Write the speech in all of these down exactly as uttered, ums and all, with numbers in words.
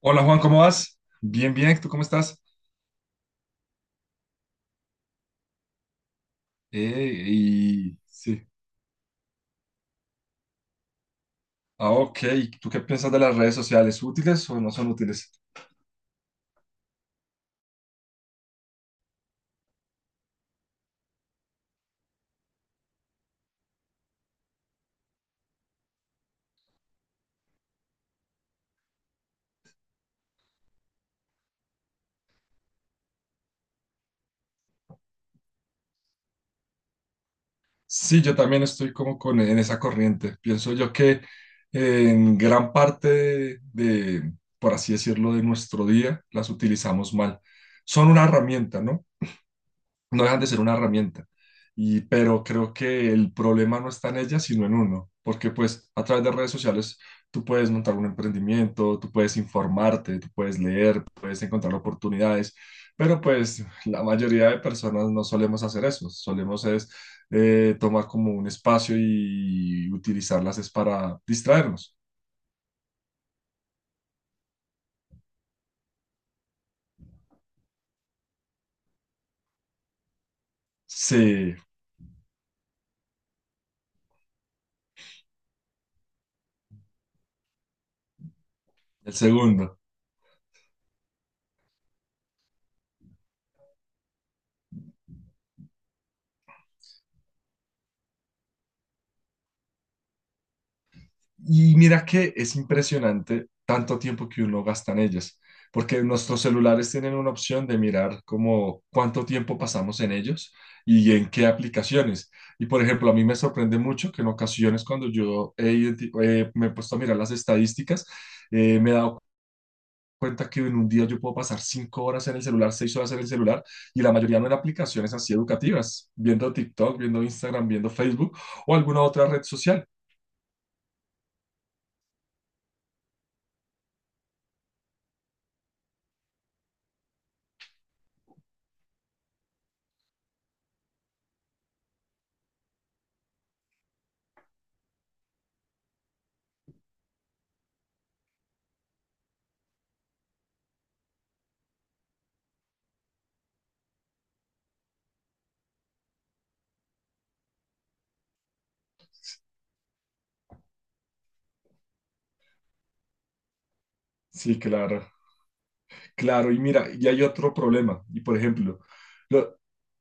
Hola Juan, ¿cómo vas? Bien, bien, ¿tú cómo estás? Eh, y sí. Ah, ok. ¿Y ¿Tú qué piensas de las redes sociales? ¿Útiles o no son útiles? Sí, yo también estoy como con, en esa corriente. Pienso yo que en gran parte de, de, por así decirlo, de nuestro día las utilizamos mal. Son una herramienta, ¿no? No dejan de ser una herramienta. Y, pero creo que el problema no está en ella, sino en uno, porque pues a través de redes sociales tú puedes montar un emprendimiento, tú puedes informarte, tú puedes leer, puedes encontrar oportunidades, pero pues la mayoría de personas no solemos hacer eso, solemos es eh, tomar como un espacio y utilizarlas es para distraernos. Sí, el segundo. Y mira que es impresionante tanto tiempo que uno gasta en ellas, porque nuestros celulares tienen una opción de mirar como cuánto tiempo pasamos en ellos y en qué aplicaciones. Y por ejemplo, a mí me sorprende mucho que en ocasiones cuando yo he identi- eh, me he puesto a mirar las estadísticas, eh, me he dado cuenta que en un día yo puedo pasar cinco horas en el celular, seis horas en el celular, y la mayoría no en aplicaciones así educativas, viendo TikTok, viendo Instagram, viendo Facebook o alguna otra red social. Sí, claro. Claro, y mira, y hay otro problema. Y por ejemplo, lo-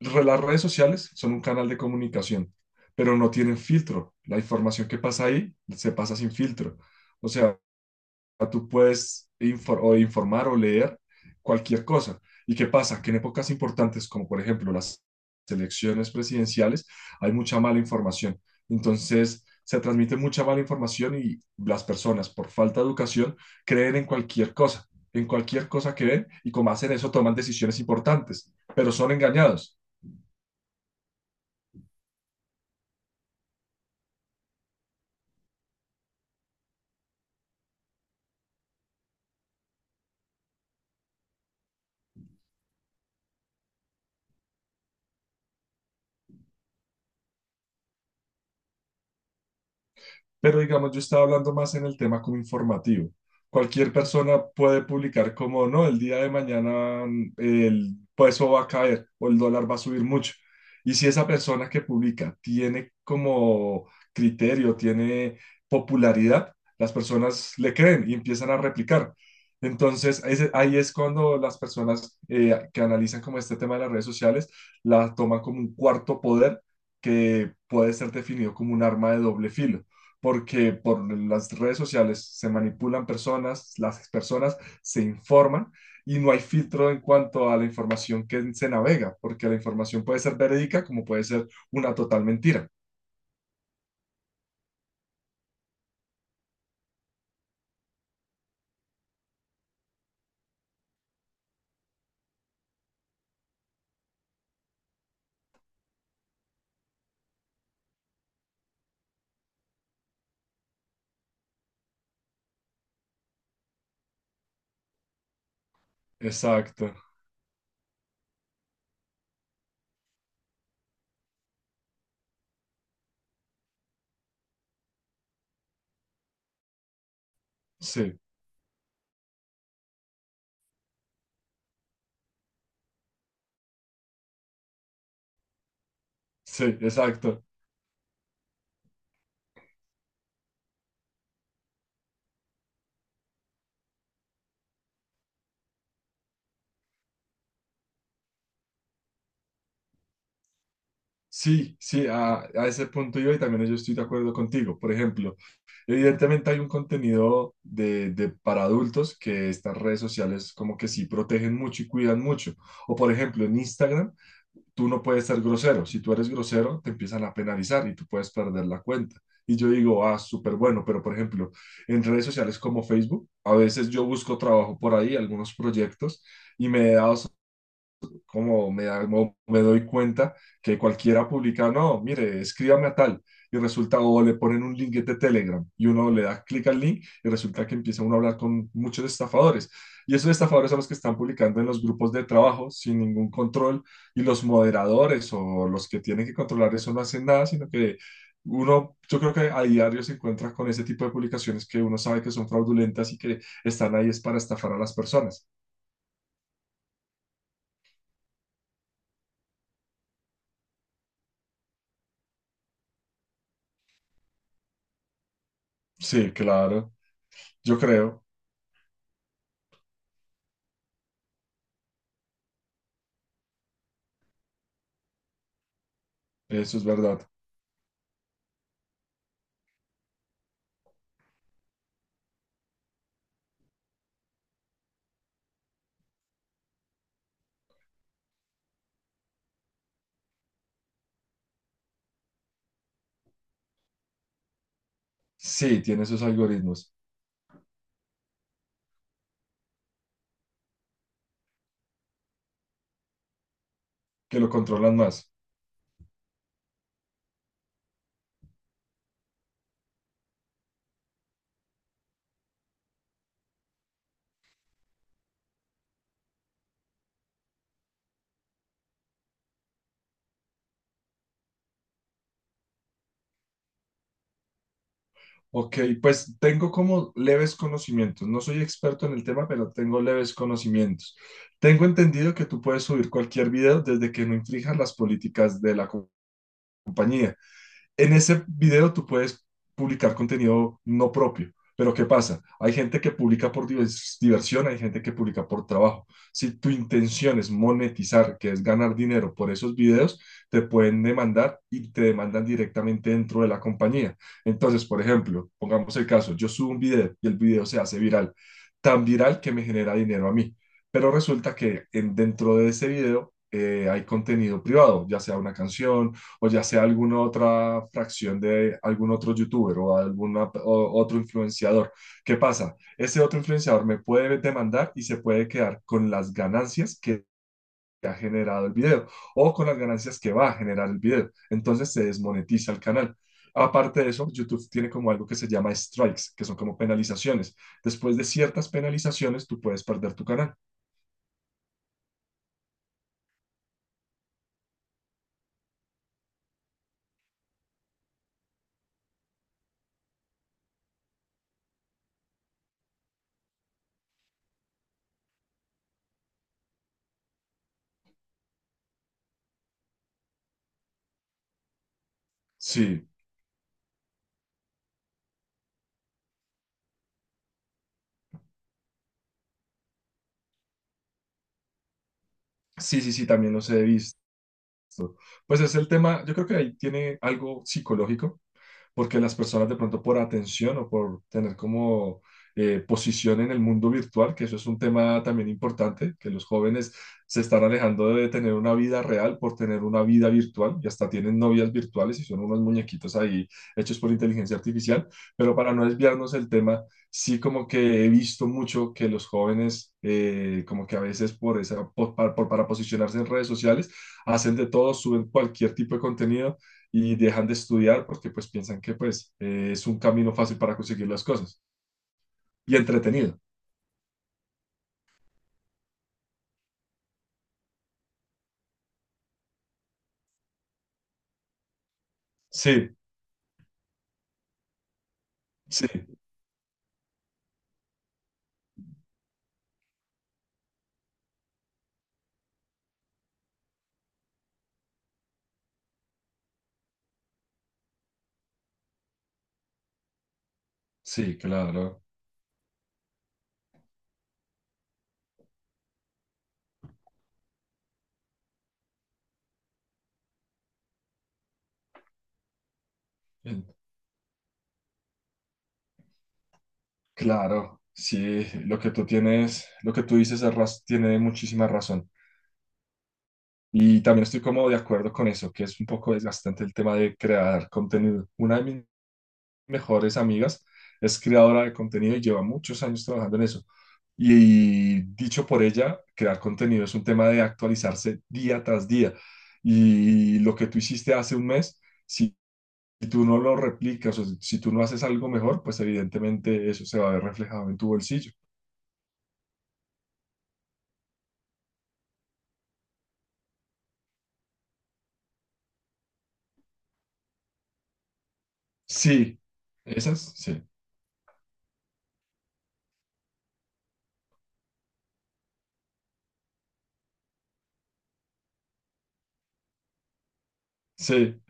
re- las redes sociales son un canal de comunicación, pero no tienen filtro. La información que pasa ahí se pasa sin filtro. O sea, tú puedes infor- o informar o leer cualquier cosa. ¿Y qué pasa? Que en épocas importantes, como por ejemplo las elecciones presidenciales, hay mucha mala información. Entonces, se transmite mucha mala información y las personas, por falta de educación, creen en cualquier cosa, en cualquier cosa que ven y como hacen eso, toman decisiones importantes, pero son engañados. Pero digamos, yo estaba hablando más en el tema como informativo. Cualquier persona puede publicar como, no, el día de mañana mm, el peso va a caer o el dólar va a subir mucho. Y si esa persona que publica tiene como criterio, tiene popularidad, las personas le creen y empiezan a replicar. Entonces, ese- ahí es cuando las personas eh, que analizan como este tema de las redes sociales la toman como un cuarto poder que puede ser definido como un arma de doble filo porque por las redes sociales se manipulan personas, las personas se informan y no hay filtro en cuanto a la información que se navega, porque la información puede ser verídica como puede ser una total mentira. Exacto, sí, sí, exacto. Sí, sí, a, a ese punto yo y también yo estoy de acuerdo contigo. Por ejemplo, evidentemente hay un contenido de, de para adultos que estas redes sociales como que sí protegen mucho y cuidan mucho. O por ejemplo, en Instagram tú no puedes ser grosero. Si tú eres grosero, te empiezan a penalizar y tú puedes perder la cuenta. Y yo digo, ah, súper bueno, pero por ejemplo, en redes sociales como Facebook, a veces yo busco trabajo por ahí, algunos proyectos, y me he dado como me, da- mo- me doy cuenta que cualquiera publica, no, mire, escríbame a tal, y resulta, o le ponen un link de Telegram, y uno le da clic al link, y resulta que empieza uno a hablar con muchos estafadores. Y esos estafadores son los que están publicando en los grupos de trabajo sin ningún control, y los moderadores o los que tienen que controlar eso no hacen nada, sino que uno, yo creo que a diario se encuentra con ese tipo de publicaciones que uno sabe que son fraudulentas y que están ahí es para estafar a las personas. Sí, claro, yo creo. Eso es verdad. Sí, tiene esos algoritmos que lo controlan más. Ok, pues tengo como leves conocimientos. No soy experto en el tema, pero tengo leves conocimientos. Tengo entendido que tú puedes subir cualquier video desde que no infrijas las políticas de la co- compañía. En ese video tú puedes publicar contenido no propio, pero ¿qué pasa? Hay gente que publica por divers- diversión, hay gente que publica por trabajo. Si tu intención es monetizar, que es ganar dinero por esos videos, te pueden demandar y te demandan directamente dentro de la compañía. Entonces, por ejemplo, pongamos el caso, yo subo un video y el video se hace viral, tan viral que me genera dinero a mí. Pero resulta que en- dentro de ese video eh, hay contenido privado, ya sea una canción, o ya sea alguna otra fracción de algún otro youtuber o algún otro influenciador. ¿Qué pasa? Ese otro influenciador me puede demandar y se puede quedar con las ganancias que ha generado el video o con las ganancias que va a generar el video. Entonces se desmonetiza el canal. Aparte de eso, YouTube tiene como algo que se llama strikes, que son como penalizaciones. Después de ciertas penalizaciones, tú puedes perder tu canal. Sí, sí, sí, sí, también los he visto. Pues es el tema, yo creo que ahí tiene algo psicológico porque las personas de pronto por atención o por tener como eh, posición en el mundo virtual, que eso es un tema también importante, que los jóvenes se están alejando de tener una vida real por tener una vida virtual y hasta tienen novias virtuales y son unos muñequitos ahí hechos por inteligencia artificial, pero para no desviarnos del tema, sí como que he visto mucho que los jóvenes eh, como que a veces por esa, por- para, por- para posicionarse en redes sociales, hacen de todo, suben cualquier tipo de contenido y dejan de estudiar porque pues piensan que pues eh, es un camino fácil para conseguir las cosas y entretenido. Sí, sí, sí, claro, en- claro, sí, lo que tú tienes, lo que tú dices es raz- tiene muchísima razón. Y también estoy como de acuerdo con eso, que es un poco desgastante el tema de crear contenido. Una de mis mejores amigas, es creadora de contenido y lleva muchos años trabajando en eso. Y, dicho por ella, crear contenido es un tema de actualizarse día tras día. Y lo que tú hiciste hace un mes, si tú no lo replicas o si tú no haces algo mejor, pues evidentemente eso se va a ver reflejado en tu bolsillo. Sí, esas, sí. Sí,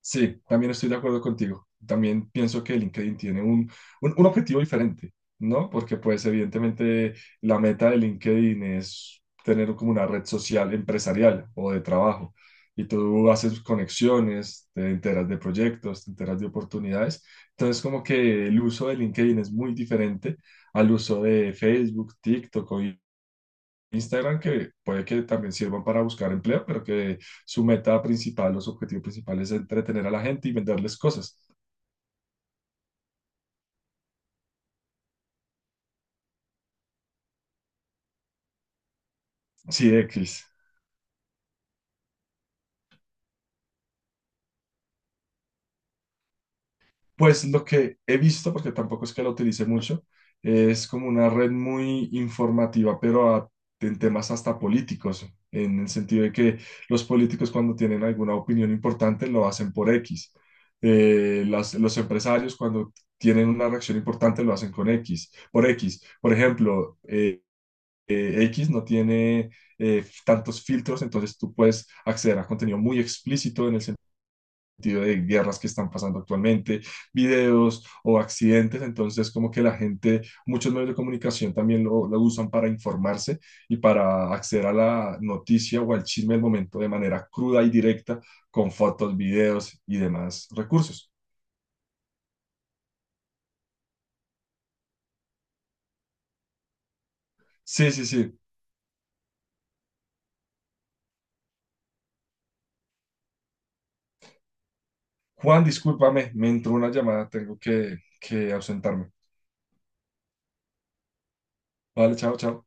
Sí, también estoy de acuerdo contigo. También pienso que LinkedIn tiene un, un, un objetivo diferente, ¿no? Porque pues evidentemente la meta de LinkedIn es tener como una red social empresarial o de trabajo. Y tú haces conexiones, te enteras de proyectos, te enteras de oportunidades. Entonces como que el uso de LinkedIn es muy diferente al uso de Facebook, TikTok o Instagram que puede que también sirvan para buscar empleo, pero que su meta principal o su objetivo principal es entretener a la gente y venderles cosas. Sí, X. Pues lo que he visto, porque tampoco es que lo utilice mucho, es como una red muy informativa, pero a- en temas hasta políticos, en el sentido de que los políticos cuando tienen alguna opinión importante lo hacen por X. Eh, las- los empresarios cuando tienen una reacción importante lo hacen con X, por X. Por ejemplo, eh, eh, X, no tiene eh, tantos filtros, entonces tú puedes acceder a contenido muy explícito en el sentido de guerras que están pasando actualmente, videos o accidentes, entonces como que la gente, muchos medios de comunicación también lo, lo usan para informarse y para acceder a la noticia o al chisme del momento de manera cruda y directa con fotos, videos y demás recursos. Sí, sí, sí. Juan, discúlpame, me entró una llamada, tengo que, que ausentarme. Vale, chao, chao.